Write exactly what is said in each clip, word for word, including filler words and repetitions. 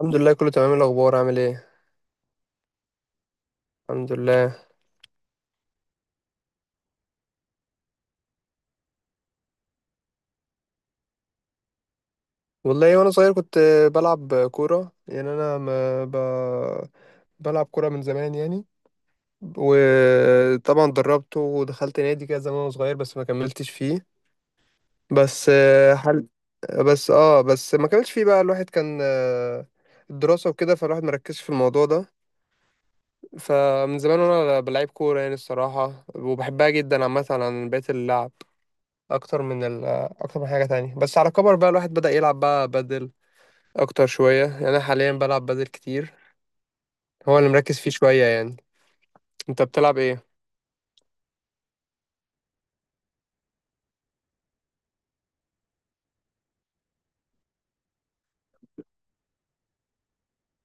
الحمد لله، كله تمام. إيه الاخبار؟ عامل ايه؟ الحمد لله. والله وانا صغير كنت بلعب كوره. يعني انا ما ب... بلعب كوره من زمان يعني. وطبعا دربت ودخلت نادي كده زمان وانا صغير، بس ما كملتش فيه. بس آه، حل بس اه بس ما كملتش فيه. بقى الواحد كان، آه، الدراسه وكده، فالواحد مركزش في الموضوع ده. فمن زمان وانا بلعب كوره يعني، الصراحه، وبحبها جدا عامه عن بقيه اللعب، اكتر من ال اكتر من حاجه تانية. بس على كبر بقى الواحد بدأ يلعب بقى بدل اكتر شويه. يعني انا حاليا بلعب بدل كتير، هو اللي مركز فيه شويه يعني. انت بتلعب ايه؟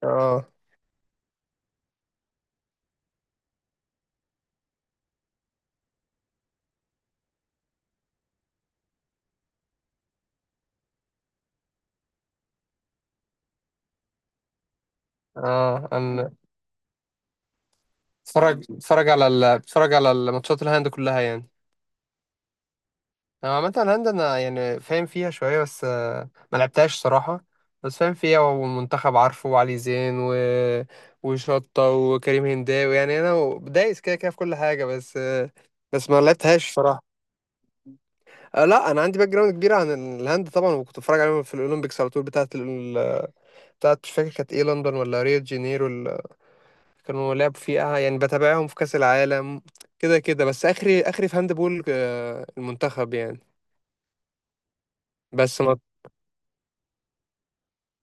اه اه انا بتفرج بتفرج على ال... بتفرج على الماتشات الهاند كلها يعني. انا عامه الهاند انا يعني فاهم فيها شويه، بس آه، ما لعبتهاش صراحه. بس فاهم فيها، ومنتخب عارفه، وعلي زين و... وشطه، وكريم هنداوي. يعني انا دايس كده كده في كل حاجه، بس آه، بس ما لعبتهاش صراحه. آه لا، انا عندي باك جراوند كبيره عن الهند طبعا. وكنت بتفرج عليهم في الاولمبيكس على طول، بتاعه ال... بتاعه مش فاكر كانت ايه، لندن ولا ريو دي جانيرو ال... كانوا لعبوا فيها. يعني بتابعهم في كاس العالم كده كده، بس اخري اخري في هاند بول آه، المنتخب يعني. بس ما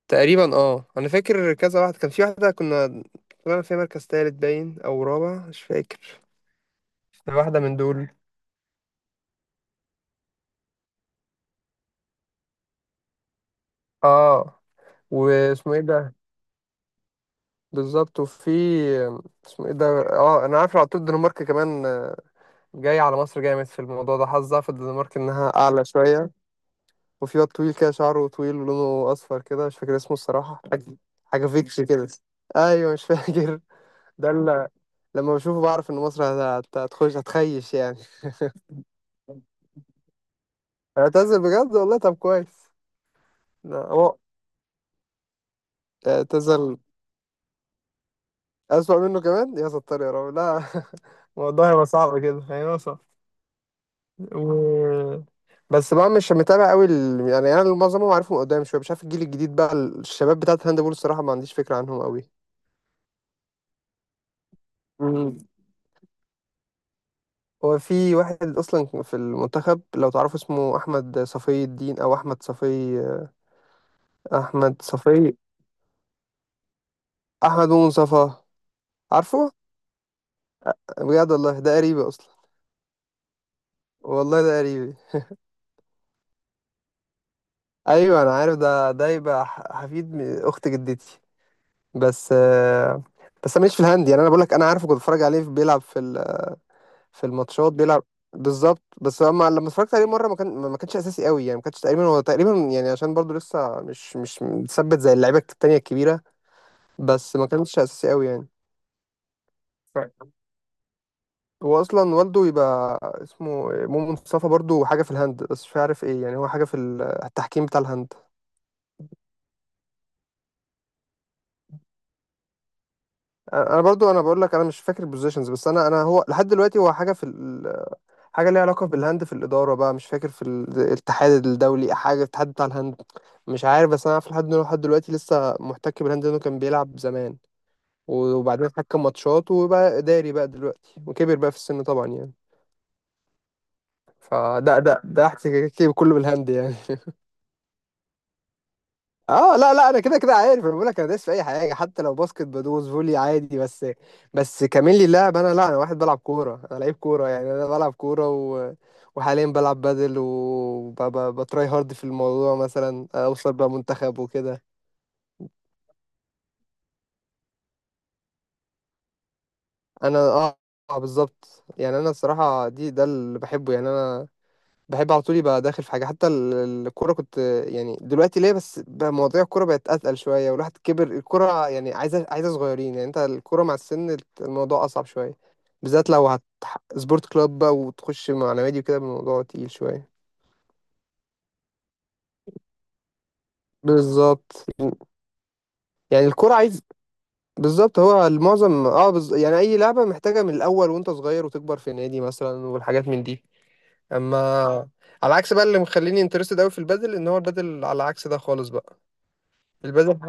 تقريبا، اه انا فاكر كذا واحد، كان في واحده كنا طلعنا فيها مركز تالت، باين او رابع مش فاكر، واحده من دول. اه، واسمه ايه ده؟ بالظبط. وفي آه، اسمه ايه ده؟ اه، انا عارف على طول، الدنمارك كمان آه، جاي على مصر جامد في الموضوع ده، حظها في الدنمارك انها اعلى شويه. وفي واد طويل كده، شعره طويل ولونه اصفر كده، مش فاكر اسمه الصراحه، حاجه حاجه فيكس كده. ايوه، مش فاكر. ده اللي لما بشوفه بعرف ان مصر هت- هتخش هتخيش يعني. اعتزل بجد والله؟ طب كويس. لا هو اعتزل، اسوأ منه كمان؟ يا ستار يا رب، لا. الموضوع هيبقى صعب كده، هيبقى صعب. و... بس بقى مش متابع قوي ال... يعني انا معظمهم عارفهم قدام شويه، مش عارف الجيل الجديد بقى، الشباب بتاعت هاندبول الصراحه ما عنديش فكره عنهم قوي. مم. هو في واحد اصلا في المنتخب لو تعرفوا، اسمه احمد صفي الدين او احمد صفي احمد صفي احمد منصفى؟ عارفه. بجد والله؟ ده قريبي اصلا، والله ده قريبي. ايوه انا عارف ده ده يبقى ح- حفيد م- اخت جدتي. بس آه، بس انا ماليش في الهاند يعني. انا بقول لك، انا عارفه، كنت بتفرج عليه بيلعب في في الماتشات بيلعب. بالظبط، بس لما لما اتفرجت عليه مره، ما كان ما كانش اساسي قوي يعني. ما كانش تقريبا، هو تقريبا يعني عشان برضو لسه مش مش متثبت زي اللعيبه التانيه الكبيره. بس ما كانش اساسي قوي يعني. هو اصلا والده يبقى اسمه مو مصطفى، برضو حاجه في الهند بس مش عارف ايه يعني، هو حاجه في ال- التحكيم بتاع الهند. انا برضو، انا بقول لك انا مش فاكر البوزيشنز. بس انا انا هو لحد دلوقتي هو حاجه في حاجة ليها علاقة بالهند، في الإدارة بقى، مش فاكر في ال- الاتحاد الدولي، حاجة الاتحاد بتاع الهند مش عارف. بس أنا عارف لحد إنه لحد دلوقتي لسه محتك بالهند، لأنه كان بيلعب زمان، وبعدين اتحكم ماتشات وبقى إداري بقى دلوقتي، وكبر بقى في السن طبعا يعني. فده ده ده احتكاكي كله بالهند يعني. اه لا لا، انا كده كده عارف. انا بقول لك انا دايس في اي حاجه، حتى لو باسكت بدوس، فولي عادي. بس بس كمان لي اللعب، انا لا، انا واحد بلعب كوره، انا لعيب كوره يعني. انا بلعب كوره و... وحاليا بلعب بادل، وبتراي هارد في الموضوع مثلا اوصل بقى منتخب وكده. انا اه آه، بالظبط. يعني انا الصراحه دي ده اللي بحبه يعني. انا بحب على طول يبقى داخل في حاجه، حتى ال- الكوره كنت. يعني دلوقتي ليه بس بقى مواضيع الكوره بقت اتقل شويه، والواحد كبر. الكوره يعني عايزه عايزه صغيرين، يعني انت الكوره مع السن الموضوع اصعب شويه. بالذات لو هت سبورت كلاب بقى وتخش مع نوادي وكده، الموضوع تقيل شويه. بالظبط يعني. الكوره عايز، بالظبط. هو المعظم، اه بز... يعني اي لعبه محتاجه من الاول وانت صغير، وتكبر في نادي مثلا، والحاجات من دي. اما على عكس بقى، اللي مخليني انترستد قوي في البادل، ان هو البادل على عكس ده خالص بقى. البادل،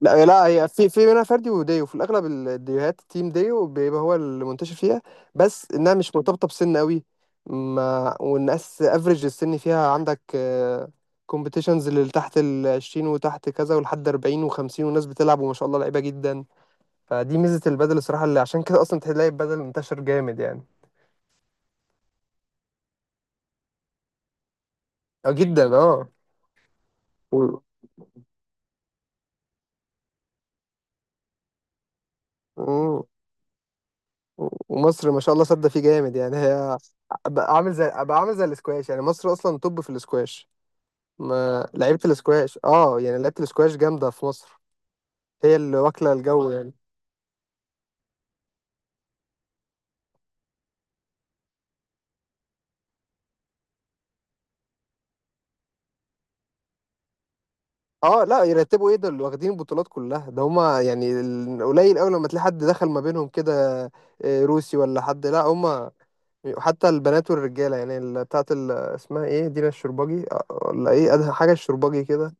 لا لا، هي في في منها فردي وديو، في الاغلب الديوهات تيم ديو بيبقى هو اللي منتشر فيها. بس انها مش مرتبطه بسن قوي. ما والناس افريج السن فيها، عندك كومبيتيشنز اللي تحت ال عشرين، وتحت كذا ولحد أربعين و50، والناس بتلعب وما شاء الله لعيبه جدا. فدي ميزه البادل الصراحه، اللي عشان كده اصلا تلاقي البادل انتشر جامد يعني. اه جدا، اه. و... مم. ومصر ما شاء الله صد فيه جامد يعني. هي آه، بقى عامل زي بقى عامل زي الاسكواش يعني. مصر اصلا توب في الاسكواش. ما لعيبة الاسكواش، اه يعني لعيبة الاسكواش جامدة في مصر، هي اللي واكلة الجو يعني. اه لا، يرتبوا ايه؟ دول واخدين البطولات كلها، ده هما يعني ال- قليل قوي لما تلاقي حد دخل ما بينهم كده، آه، روسي ولا حد. لا هما، حتى البنات والرجالة يعني ال- بتاعت ال- اسمها ايه، دينا الشرباجي آه، ولا ايه، أدهى حاجة الشرباجي كده.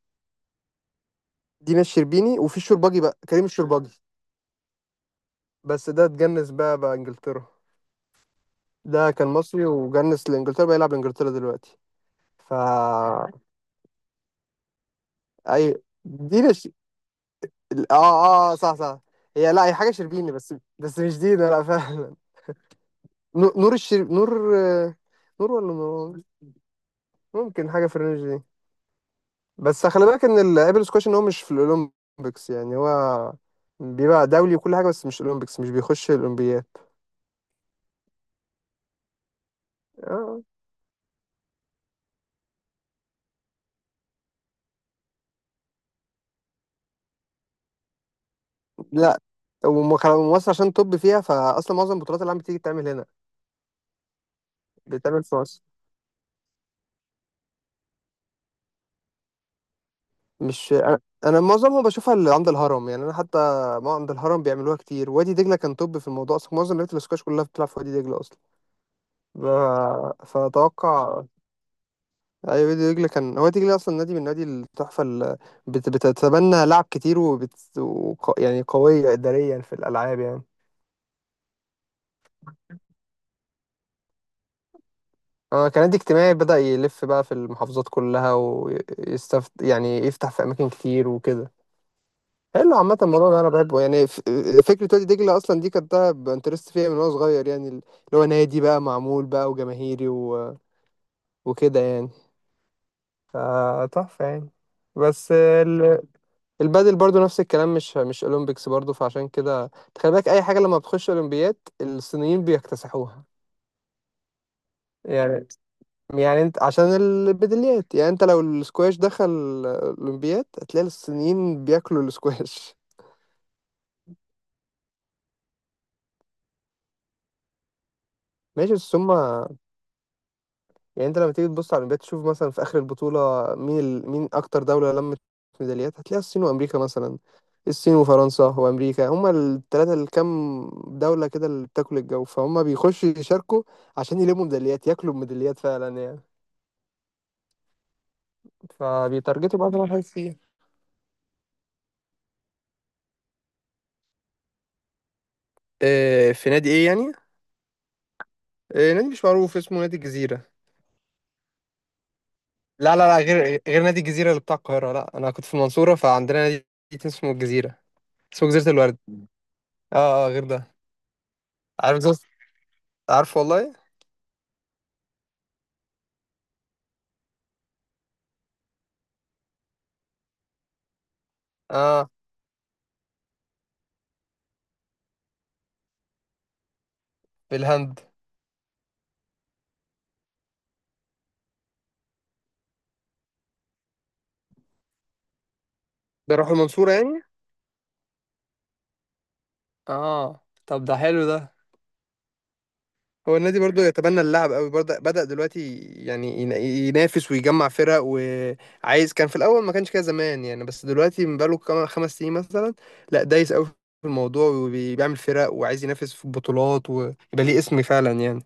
دينا الشربيني؟ وفي الشرباجي بقى، كريم الشرباجي. بس ده اتجنس بقى بقى انجلترا. ده كان مصري وجنس لانجلترا، بقى يلعب لانجلترا دلوقتي. ف اي دي ال- اه اه آه، صح صح. هي لا، هي حاجة شربيني، بس بس مش دي، ده لا. فعلا. نو- نور الشرب، نور، آه، نور ولا نور؟ ممكن حاجة في الرينج دي. بس خلي بالك ان الابل سكواش، ان هو مش في الاولمبيكس يعني، هو بيبقى دولي وكل حاجة، بس مش الاولمبيكس، مش بيخش الاولمبياد. آه. لا وم- ومصر عشان طب فيها، فاصلا معظم البطولات اللي عم بتيجي بتتعمل هنا، بتتعمل في مصر. مش انا، أنا معظمها بشوفها اللي عند الهرم يعني. انا حتى ما عند الهرم بيعملوها كتير، وادي دجله كان توب في الموضوع اصلا، معظم لعيبه الاسكواش كلها بتلعب في وادي دجله اصلا. ف- فاتوقع، اي وادي دجله كان هو وادي دجله اصلا نادي من نادي التحفه، اللي بت... بتتبنى لعب كتير، وبت... وق... يعني قويه اداريا في الالعاب يعني. آه، كان نادي اجتماعي، بدأ يلف بقى في المحافظات كلها ويستفت، يعني يفتح في أماكن كتير وكده. حلو عامة الموضوع ده أنا بحبه يعني. ف- فكرة وادي دجلة أصلا دي كنت بانترست فيها من وأنا صغير يعني، اللي هو نادي بقى معمول بقى وجماهيري و... وكده يعني، فتحفة يعني. بس ال... البادل برضو نفس الكلام، مش مش أولمبيكس برضو، فعشان كده تخلي بالك أي حاجة لما بتخش أولمبياد الصينيين بيكتسحوها يعني يعني أنت عشان البدليات يعني، أنت لو السكواش دخل أولمبياد هتلاقي الصينيين بياكلوا السكواش. ماشي، بس هما يعني، انت لما تيجي تبص على الاولمبياد، تشوف مثلا في اخر البطوله، مين ال... مين اكتر دوله لمت ميداليات، هتلاقيها الصين وامريكا مثلا، الصين وفرنسا وامريكا، هما الثلاثه اللي كام دوله كده اللي بتاكل الجو. فهم بيخشوا يشاركوا عشان يلموا ميداليات، ياكلوا ميداليات فعلا يعني، فبيتارجتوا بعض الحاجات فيها. اه، في نادي ايه يعني؟ اه نادي مش معروف اسمه، نادي الجزيره. لا لا لا، غير غير نادي الجزيره اللي بتاع القاهره، لا انا كنت في المنصوره، فعندنا نادي اسمه الجزيره، اسمه جزيره الورد. اه اه، غير ده. عارف جزيره، عارف والله. اه، في الهند. بيروحوا المنصورة يعني. اه طب ده حلو ده. هو النادي برضو يتبنى اللعب قوي برضه، بدأ دلوقتي يعني ين- ينافس ويجمع فرق، وعايز. كان في الأول ما كانش كده زمان يعني، بس دلوقتي من بقاله كام- خمس سنين مثلا لا، دايس قوي في الموضوع وبيعمل فرق، وعايز ينافس في بطولات ويبقى ليه اسم فعلا يعني.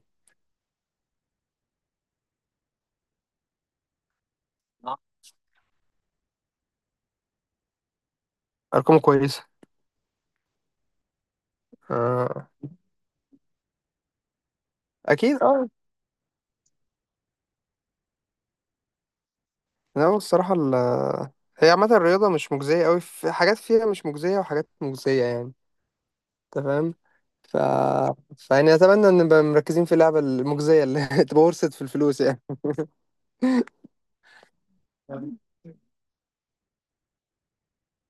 آه. أرقامه كويسة؟ آه. أكيد أه. لا هو الصراحة ال هي عامة الرياضة مش مجزية قوي، في حاجات فيها مش مجزية وحاجات مجزية يعني. تمام. ف... فيعني اتمنى ان نبقى مركزين في اللعبه المجزيه اللي تبقى ورثت في الفلوس يعني.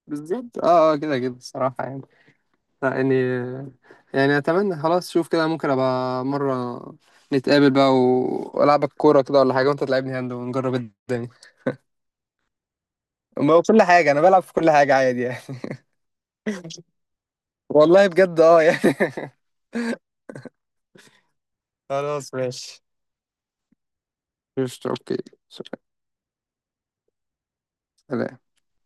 بالظبط، اه اه كده كده الصراحه يعني. لا، يعني يعني اتمنى خلاص. شوف كده، ممكن ابقى مره نتقابل بقى و- والعبك كوره كده ولا حاجه، وانت تلعبني هاند ونجرب الدنيا. ما هو كل حاجه انا بلعب في كل حاجه عادي يعني. والله بجد، اه يعني. خلاص ماشي. قشطة، اوكي. سلام.